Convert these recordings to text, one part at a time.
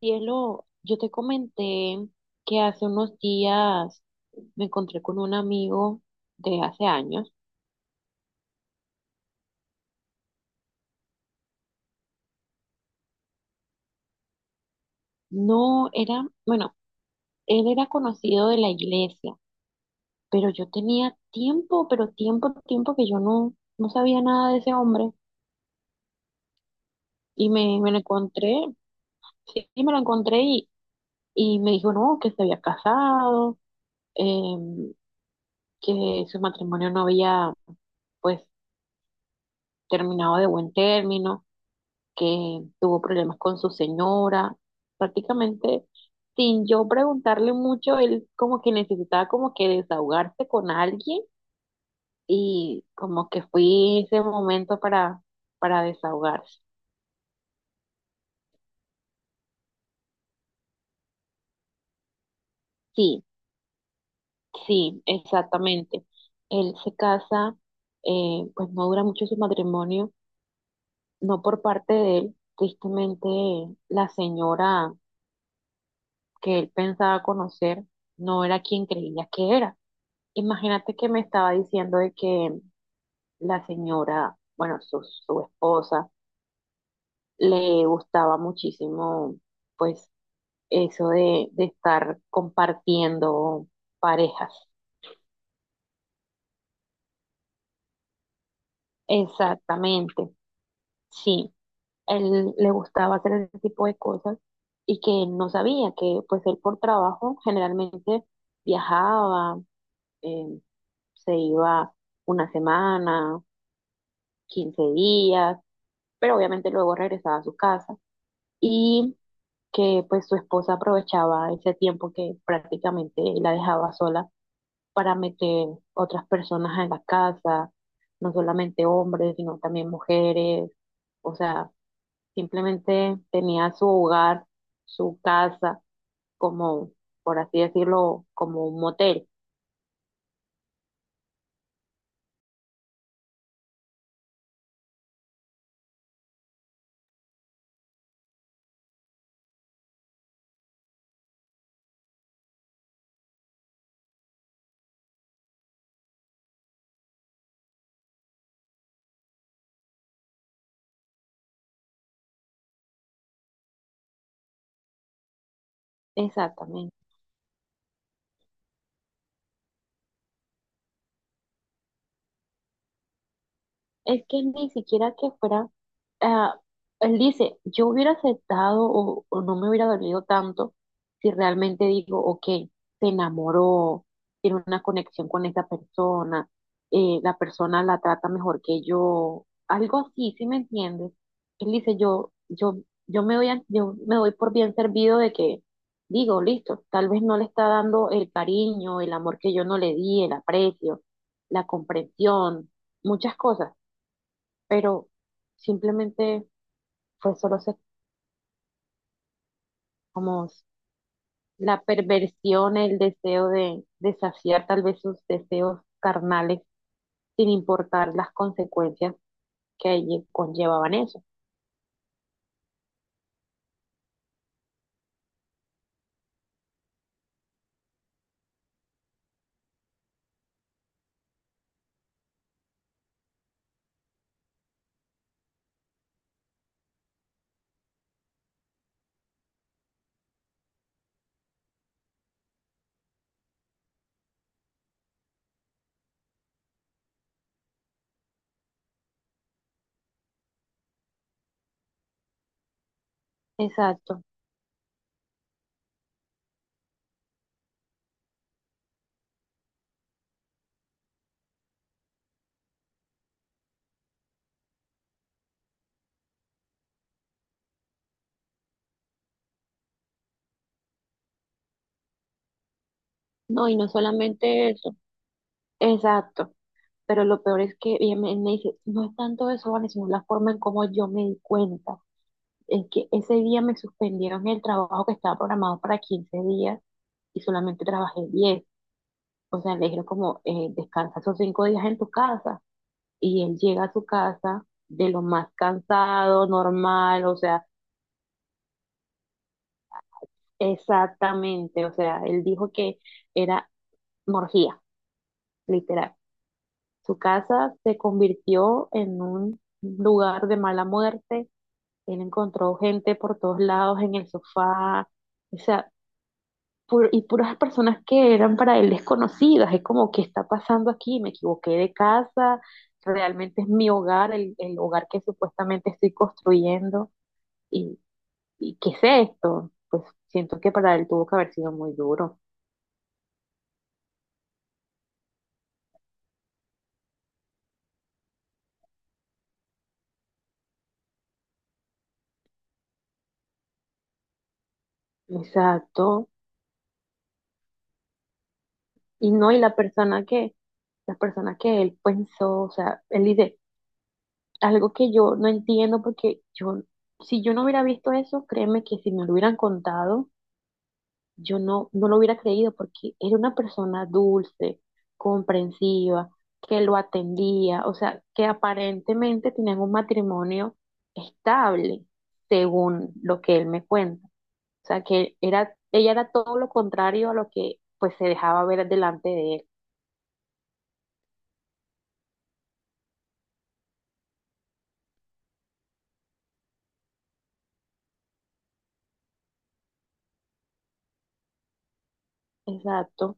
Cielo, yo te comenté que hace unos días me encontré con un amigo de hace años. No era, bueno, él era conocido de la iglesia, pero yo tenía tiempo, pero tiempo, tiempo que yo no sabía nada de ese hombre. Y me lo encontré, sí, me lo encontré y me dijo, no, que se había casado, em, que su matrimonio no había, pues, terminado de buen término, que tuvo problemas con su señora, prácticamente sin yo preguntarle mucho. Él como que necesitaba como que desahogarse con alguien y como que fui ese momento para desahogarse. Sí, sí, exactamente. Él se casa, pues no dura mucho su matrimonio, no por parte de él, tristemente la señora que él pensaba conocer no era quien creía que era. Imagínate que me estaba diciendo de que la señora, bueno, su esposa, le gustaba muchísimo, pues, eso de estar compartiendo parejas. Exactamente, sí. Él le gustaba hacer ese tipo de cosas y que no sabía que, pues, él por trabajo generalmente viajaba, eh, se iba una semana, 15 días, pero obviamente luego regresaba a su casa. Y que pues su esposa aprovechaba ese tiempo que prácticamente la dejaba sola para meter otras personas en la casa, no solamente hombres, sino también mujeres, o sea, simplemente tenía su hogar, su casa, como, por así decirlo, como un motel. Exactamente. Es que ni siquiera que fuera, ah, él dice, yo hubiera aceptado o no me hubiera dolido tanto si realmente digo, ok, se enamoró, tiene una conexión con esa persona, la persona la trata mejor que yo, algo así, ¿sí me entiendes? Él dice, yo me doy, yo me doy por bien servido. De que digo, listo, tal vez no le está dando el cariño, el amor que yo no le di, el aprecio, la comprensión, muchas cosas, pero simplemente fue solo como la perversión, el deseo de saciar tal vez sus deseos carnales sin importar las consecuencias que conllevaban eso. Exacto. No, y no solamente eso. Exacto. Pero lo peor es que ella me dice, no es tanto eso, Vane, sino la forma en cómo yo me di cuenta. Es que ese día me suspendieron el trabajo, que estaba programado para 15 días, y solamente trabajé 10. O sea, le dijeron como, descansa esos 5 días en tu casa. Y él llega a su casa de lo más cansado, normal, o sea, exactamente. O sea, él dijo que era morgía, literal. Su casa se convirtió en un lugar de mala muerte. Él encontró gente por todos lados, en el sofá. O sea, y puras personas que eran para él desconocidas. Es como, ¿qué está pasando aquí? Me equivoqué de casa, realmente es mi hogar, el hogar que supuestamente estoy construyendo. ¿Y, y qué es esto? Pues siento que para él tuvo que haber sido muy duro. Exacto. Y no, y la persona que él pensó, o sea, él dice algo que yo no entiendo, porque yo, si yo no hubiera visto eso, créeme que si me lo hubieran contado, yo no lo hubiera creído, porque era una persona dulce, comprensiva, que lo atendía, o sea, que aparentemente tenían un matrimonio estable, según lo que él me cuenta. O sea, que era, ella era todo lo contrario a lo que pues se dejaba ver delante de él. Exacto.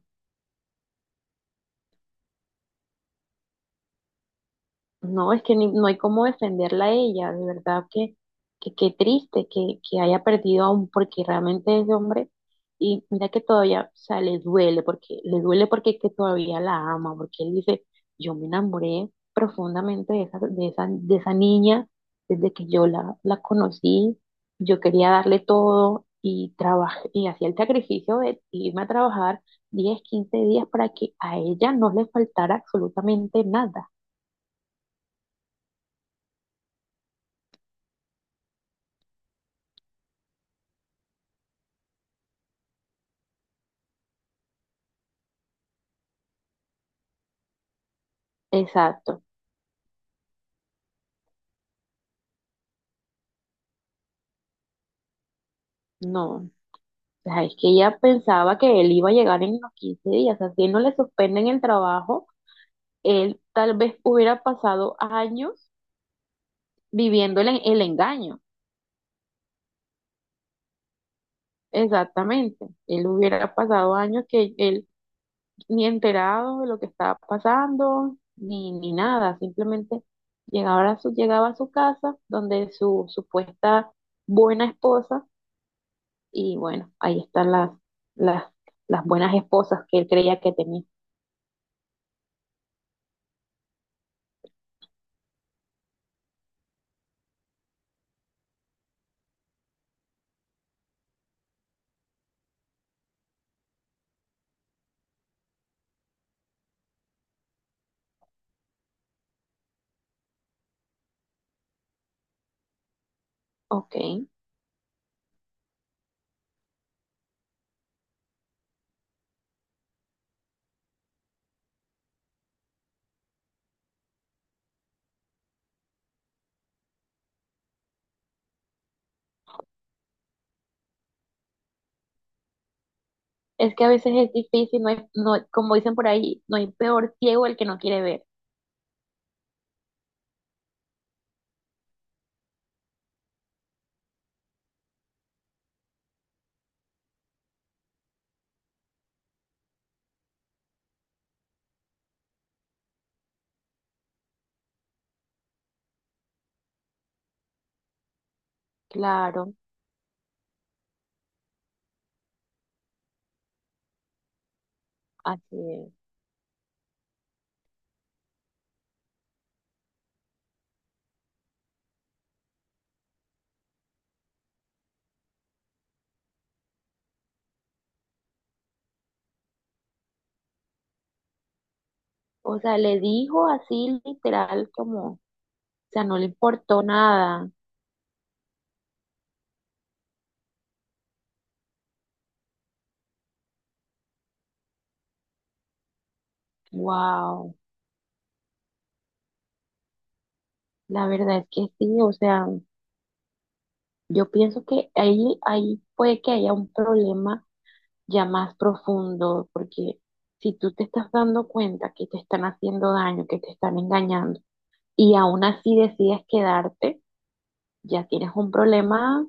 No, es que no hay cómo defenderla a ella, de verdad que qué triste que haya perdido a un, porque realmente ese hombre, y mira que todavía, o sea, le duele porque es que todavía la ama, porque él dice, yo me enamoré profundamente de esa, de esa, de esa niña desde que yo la conocí, yo quería darle todo y trabajé, y hacía el sacrificio de irme a trabajar diez, 15 días para que a ella no le faltara absolutamente nada. Exacto. No, o sea, es que ella pensaba que él iba a llegar en los 15 días, o sea, si no le suspenden el trabajo, él tal vez hubiera pasado años viviendo el, el engaño. Exactamente, él hubiera pasado años que él ni enterado de lo que estaba pasando, ni, ni nada, simplemente llegaba a su casa, donde su supuesta buena esposa, y bueno, ahí están las, las buenas esposas que él creía que tenía. Ok. Es que a veces es difícil, no no, como dicen por ahí, no hay peor ciego el que no quiere ver. Claro, así es. O sea, le dijo así literal como, o sea, no le importó nada. Wow, la verdad es que sí, o sea, yo pienso que ahí, ahí puede que haya un problema ya más profundo, porque si tú te estás dando cuenta que te están haciendo daño, que te están engañando, y aún así decides quedarte, ya tienes un problema,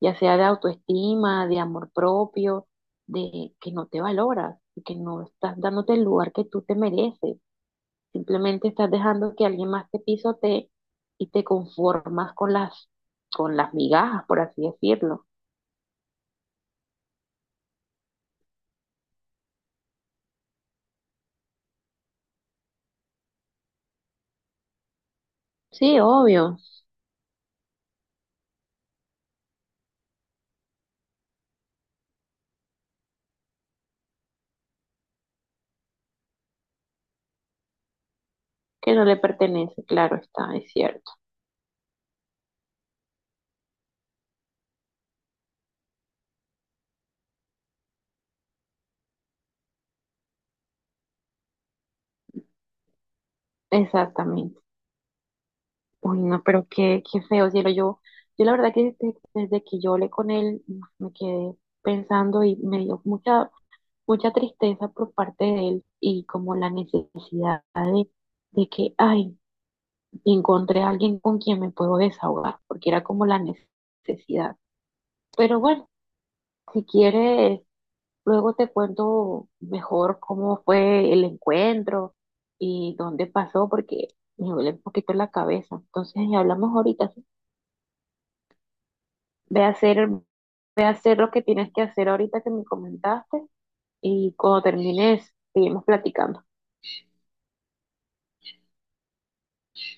ya sea de autoestima, de amor propio, de que no te valoras, que no estás dándote el lugar que tú te mereces, simplemente estás dejando que alguien más te pisotee y te conformas con las migajas, por así decirlo. Sí, obvio, que no le pertenece, claro está, es cierto, exactamente. Uy, no, pero qué, qué feo, cielo, yo la verdad que desde que yo hablé con él, me quedé pensando y me dio mucha mucha tristeza por parte de él y como la necesidad de que, ay, encontré a alguien con quien me puedo desahogar, porque era como la necesidad. Pero bueno, si quieres, luego te cuento mejor cómo fue el encuentro y dónde pasó, porque me duele un poquito la cabeza. Entonces, hablamos ahorita, ¿sí? Ve a hacer, ve a hacer lo que tienes que hacer ahorita que me comentaste, y cuando termines, seguimos platicando.